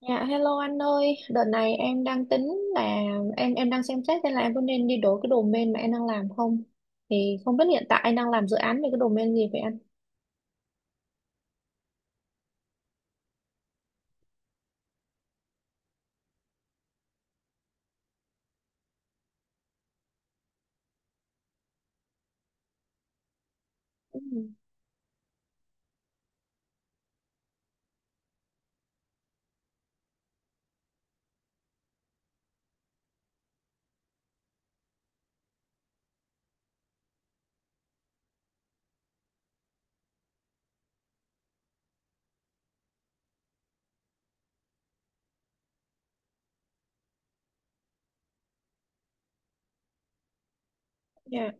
Dạ hello anh ơi, đợt này em đang tính là em đang xem xét xem là em có nên đi đổi cái domain mà em đang làm không. Thì không biết hiện tại anh đang làm dự án về cái domain gì vậy anh? Ừ. Dạ.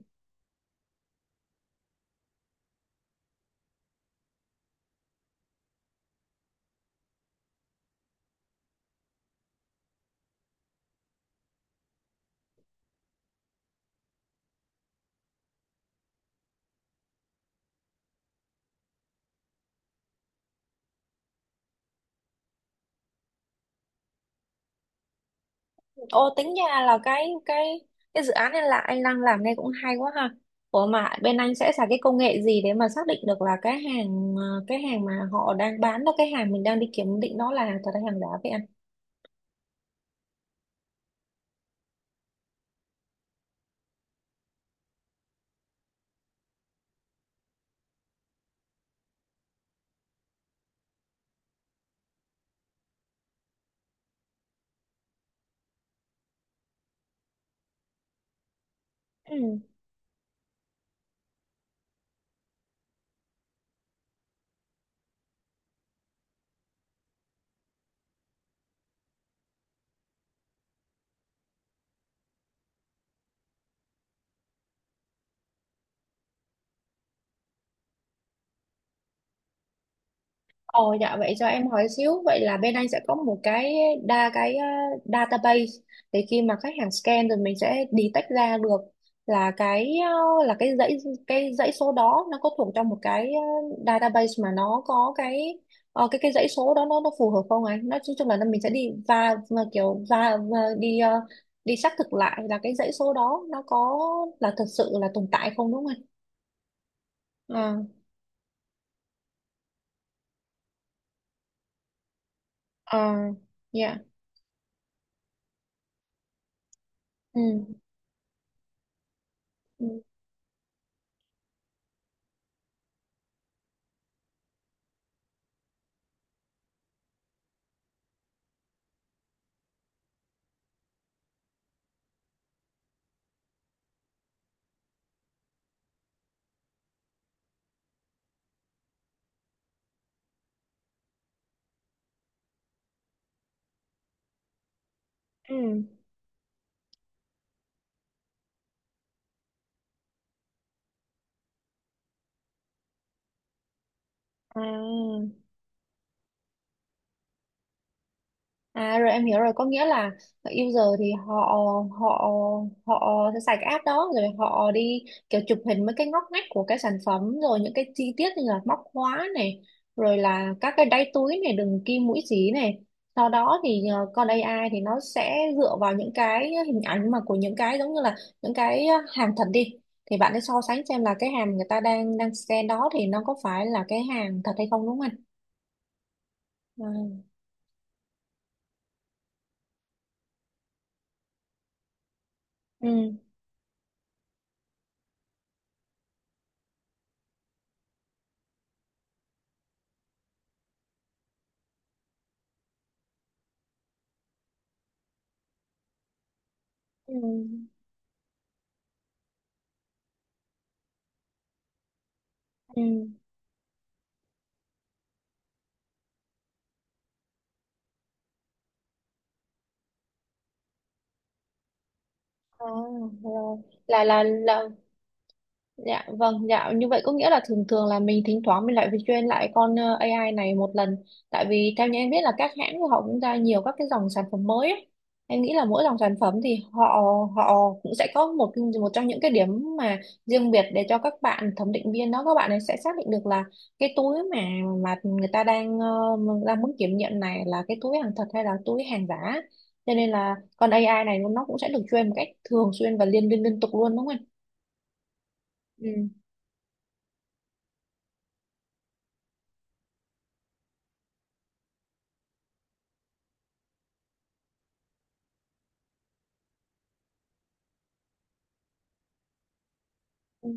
Ô tính ra là cái cái dự án này là anh đang làm nghe cũng hay quá ha. Ủa mà bên anh sẽ xài cái công nghệ gì để mà xác định được là cái hàng cái hàng mà họ đang bán đó cái hàng mình đang đi kiểm định đó là thật hay hàng giả vậy anh? Ừ. Ồ dạ vậy cho em hỏi xíu vậy là bên anh sẽ có một cái đa cái database để khi mà khách hàng scan rồi mình sẽ detect ra được là cái là cái dãy số đó nó có thuộc trong một cái database mà nó có cái ờ, cái dãy số đó nó phù hợp không anh? Nói chung chung là nó, mình sẽ đi và kiểu và đi đi xác thực lại là cái dãy số đó nó có là thực sự là tồn tại không đúng không anh? À, à, dạ. Ừ. Ừ. ừ. À, à rồi em hiểu rồi có nghĩa là user thì họ họ họ sẽ xài cái app đó rồi họ đi kiểu chụp hình mấy cái ngóc ngách của cái sản phẩm rồi những cái chi tiết như là móc khóa này rồi là các cái đáy túi này đường kim mũi xí này, sau đó thì con AI thì nó sẽ dựa vào những cái hình ảnh mà của những cái giống như là những cái hàng thật đi, thì bạn sẽ so sánh xem là cái hàng người ta đang đang scan đó thì nó có phải là cái hàng thật hay không đúng không anh? À, ừ. Ừ. Ừ. À, rồi là Dạ vâng, dạ như vậy có nghĩa là thường thường là mình thỉnh thoảng mình lại phải train lại con AI này một lần, tại vì theo như em biết là các hãng của họ cũng ra nhiều các cái dòng sản phẩm mới ấy. Em nghĩ là mỗi dòng sản phẩm thì họ họ cũng sẽ có một cái, một trong những cái điểm mà riêng biệt để cho các bạn thẩm định viên đó các bạn ấy sẽ xác định được là cái túi mà người ta đang đang muốn kiểm nghiệm này là cái túi hàng thật hay là túi hàng giả. Cho nên là con AI này nó cũng sẽ được train một cách thường xuyên và liên liên liên tục luôn đúng không anh? Ừ.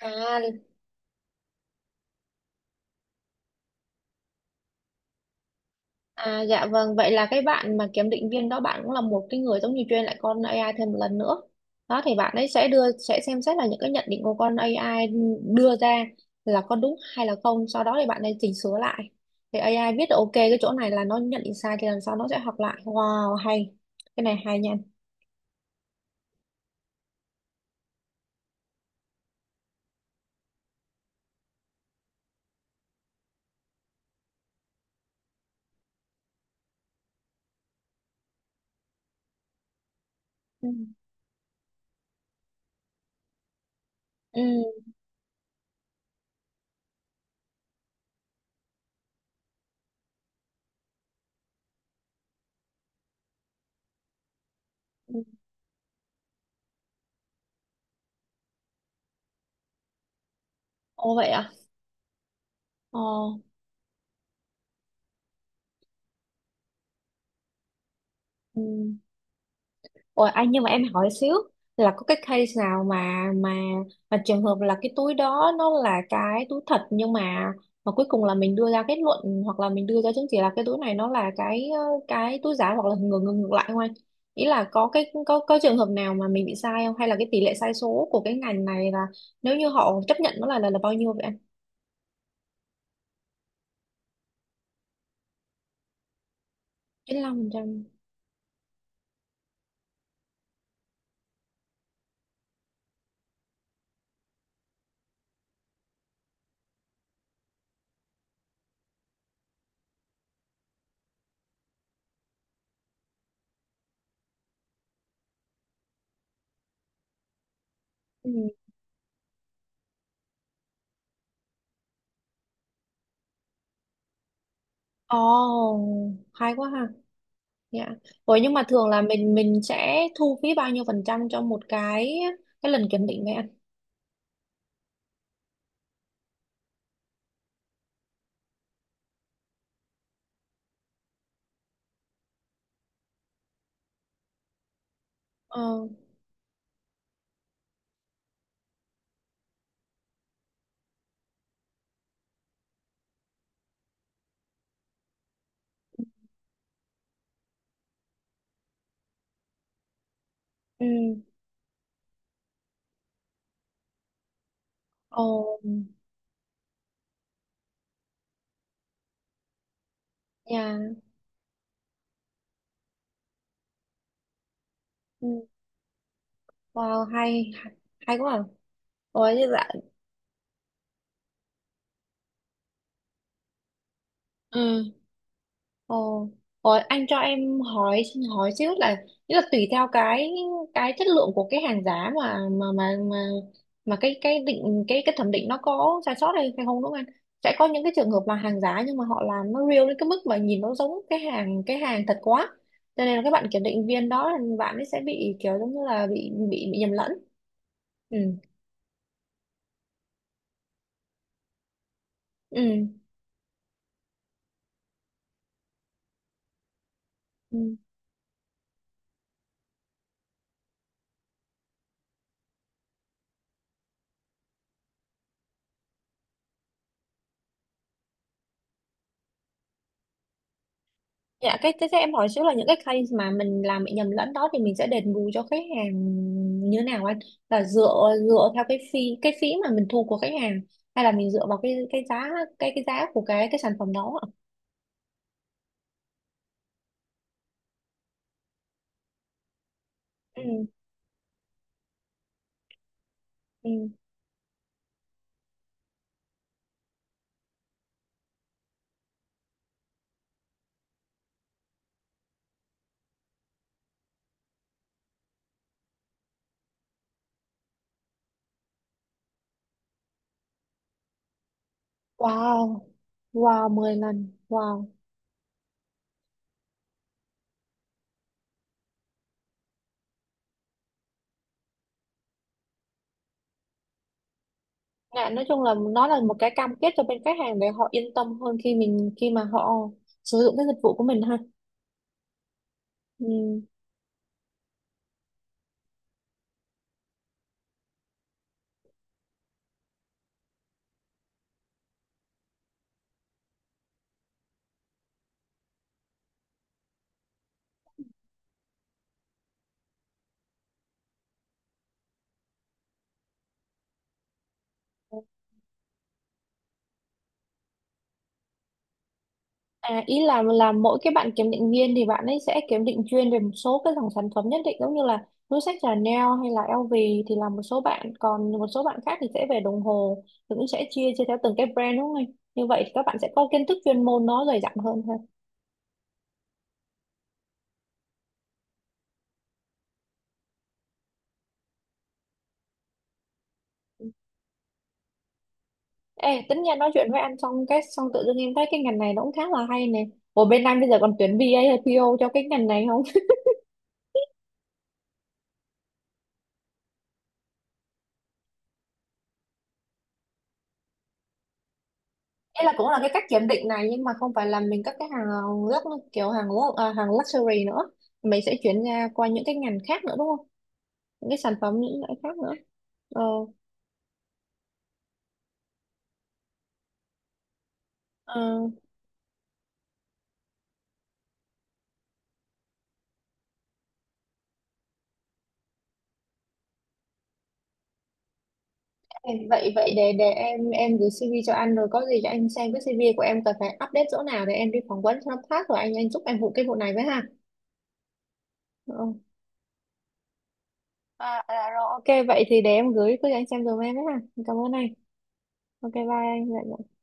À, à dạ vâng, vậy là cái bạn mà kiểm định viên đó bạn cũng là một cái người giống như train lại con AI thêm một lần nữa, đó thì bạn ấy sẽ đưa sẽ xem xét là những cái nhận định của con AI đưa ra là có đúng hay là không, sau đó thì bạn ấy chỉnh sửa lại thì AI biết được, ok cái chỗ này là nó nhận định sai thì lần sau nó sẽ học lại. Wow hay, cái này hay nha. Ừ. Ừ. ừ. Ồ vậy à. Ồ. ừ. Ôi anh nhưng mà em hỏi xíu là có cái case nào mà trường hợp là cái túi đó nó là cái túi thật nhưng mà cuối cùng là mình đưa ra kết luận hoặc là mình đưa ra chứng chỉ là cái túi này nó là cái cái túi giả hoặc là ngược ngược ngược lại không anh? Ý là có cái có trường hợp nào mà mình bị sai không, hay là cái tỷ lệ sai số của cái ngành này là, nếu như họ chấp nhận nó là bao nhiêu vậy anh? 95%. Ừ. Ồ, hay quá ha. Dạ. Ủa nhưng mà thường là mình sẽ thu phí bao nhiêu phần trăm cho một cái lần kiểm định vậy anh? Ờ. Ừ. Ồ. Dạ. Ừ. Wow, hay hay quá. À. Ủa như vậy. Ồ, rồi anh cho em hỏi hỏi xíu là nghĩa là tùy theo cái chất lượng của cái hàng giá mà mà cái định cái thẩm định nó có sai sót hay hay không đúng không anh? Sẽ có những cái trường hợp là hàng giá nhưng mà họ làm nó real đến cái mức mà nhìn nó giống cái hàng thật quá. Cho nên là các bạn kiểm định viên đó là bạn ấy sẽ bị kiểu giống như là bị nhầm lẫn. Ừ. Ừ. ừ. Dạ, thế thế em hỏi xíu là những cái case mà mình làm bị nhầm lẫn đó thì mình sẽ đền bù cho khách hàng như thế nào anh? Là dựa dựa theo cái phí mà mình thu của khách hàng, hay là mình dựa vào cái giá của cái sản phẩm đó ạ? Ừ, ừ. Wow. Wow, 10 lần. Wow. Dạ, nói chung là nó là một cái cam kết cho bên khách hàng để họ yên tâm hơn khi khi mà họ sử dụng cái dịch vụ của mình ha. Ừ. À, ý là mỗi cái bạn kiểm định viên thì bạn ấy sẽ kiểm định chuyên về một số cái dòng sản phẩm nhất định giống như là túi xách Chanel hay là LV, thì là một số bạn, còn một số bạn khác thì sẽ về đồng hồ, thì cũng sẽ chia chia theo từng cái brand đúng không anh? Như vậy thì các bạn sẽ có kiến thức chuyên môn nó dày dặn hơn ha. Ê, tính nha nói chuyện với anh xong cái xong tự dưng em thấy cái ngành này nó cũng khá là hay nè. Ủa bên anh bây giờ còn tuyển VA hay PO cho cái ngành này không? Đây là cũng là cái cách kiểm định này nhưng mà không phải là mình cất cái hàng gốc kiểu hàng gốc à, hàng luxury nữa, mình sẽ chuyển ra qua những cái ngành khác nữa đúng không, những cái sản phẩm những loại khác nữa. Ờ, ờ, em- vậy vậy để em gửi CV cho anh rồi có gì cho anh xem cái CV của em cần phải update chỗ nào để em đi phỏng vấn cho nó phát, rồi anh giúp em vụ cái vụ này với ha. Ờ. à, à, rồi ok vậy thì để em gửi cứ cho anh xem dùm em với ha, cảm ơn anh. Ok bye anh. Dạ, dạ.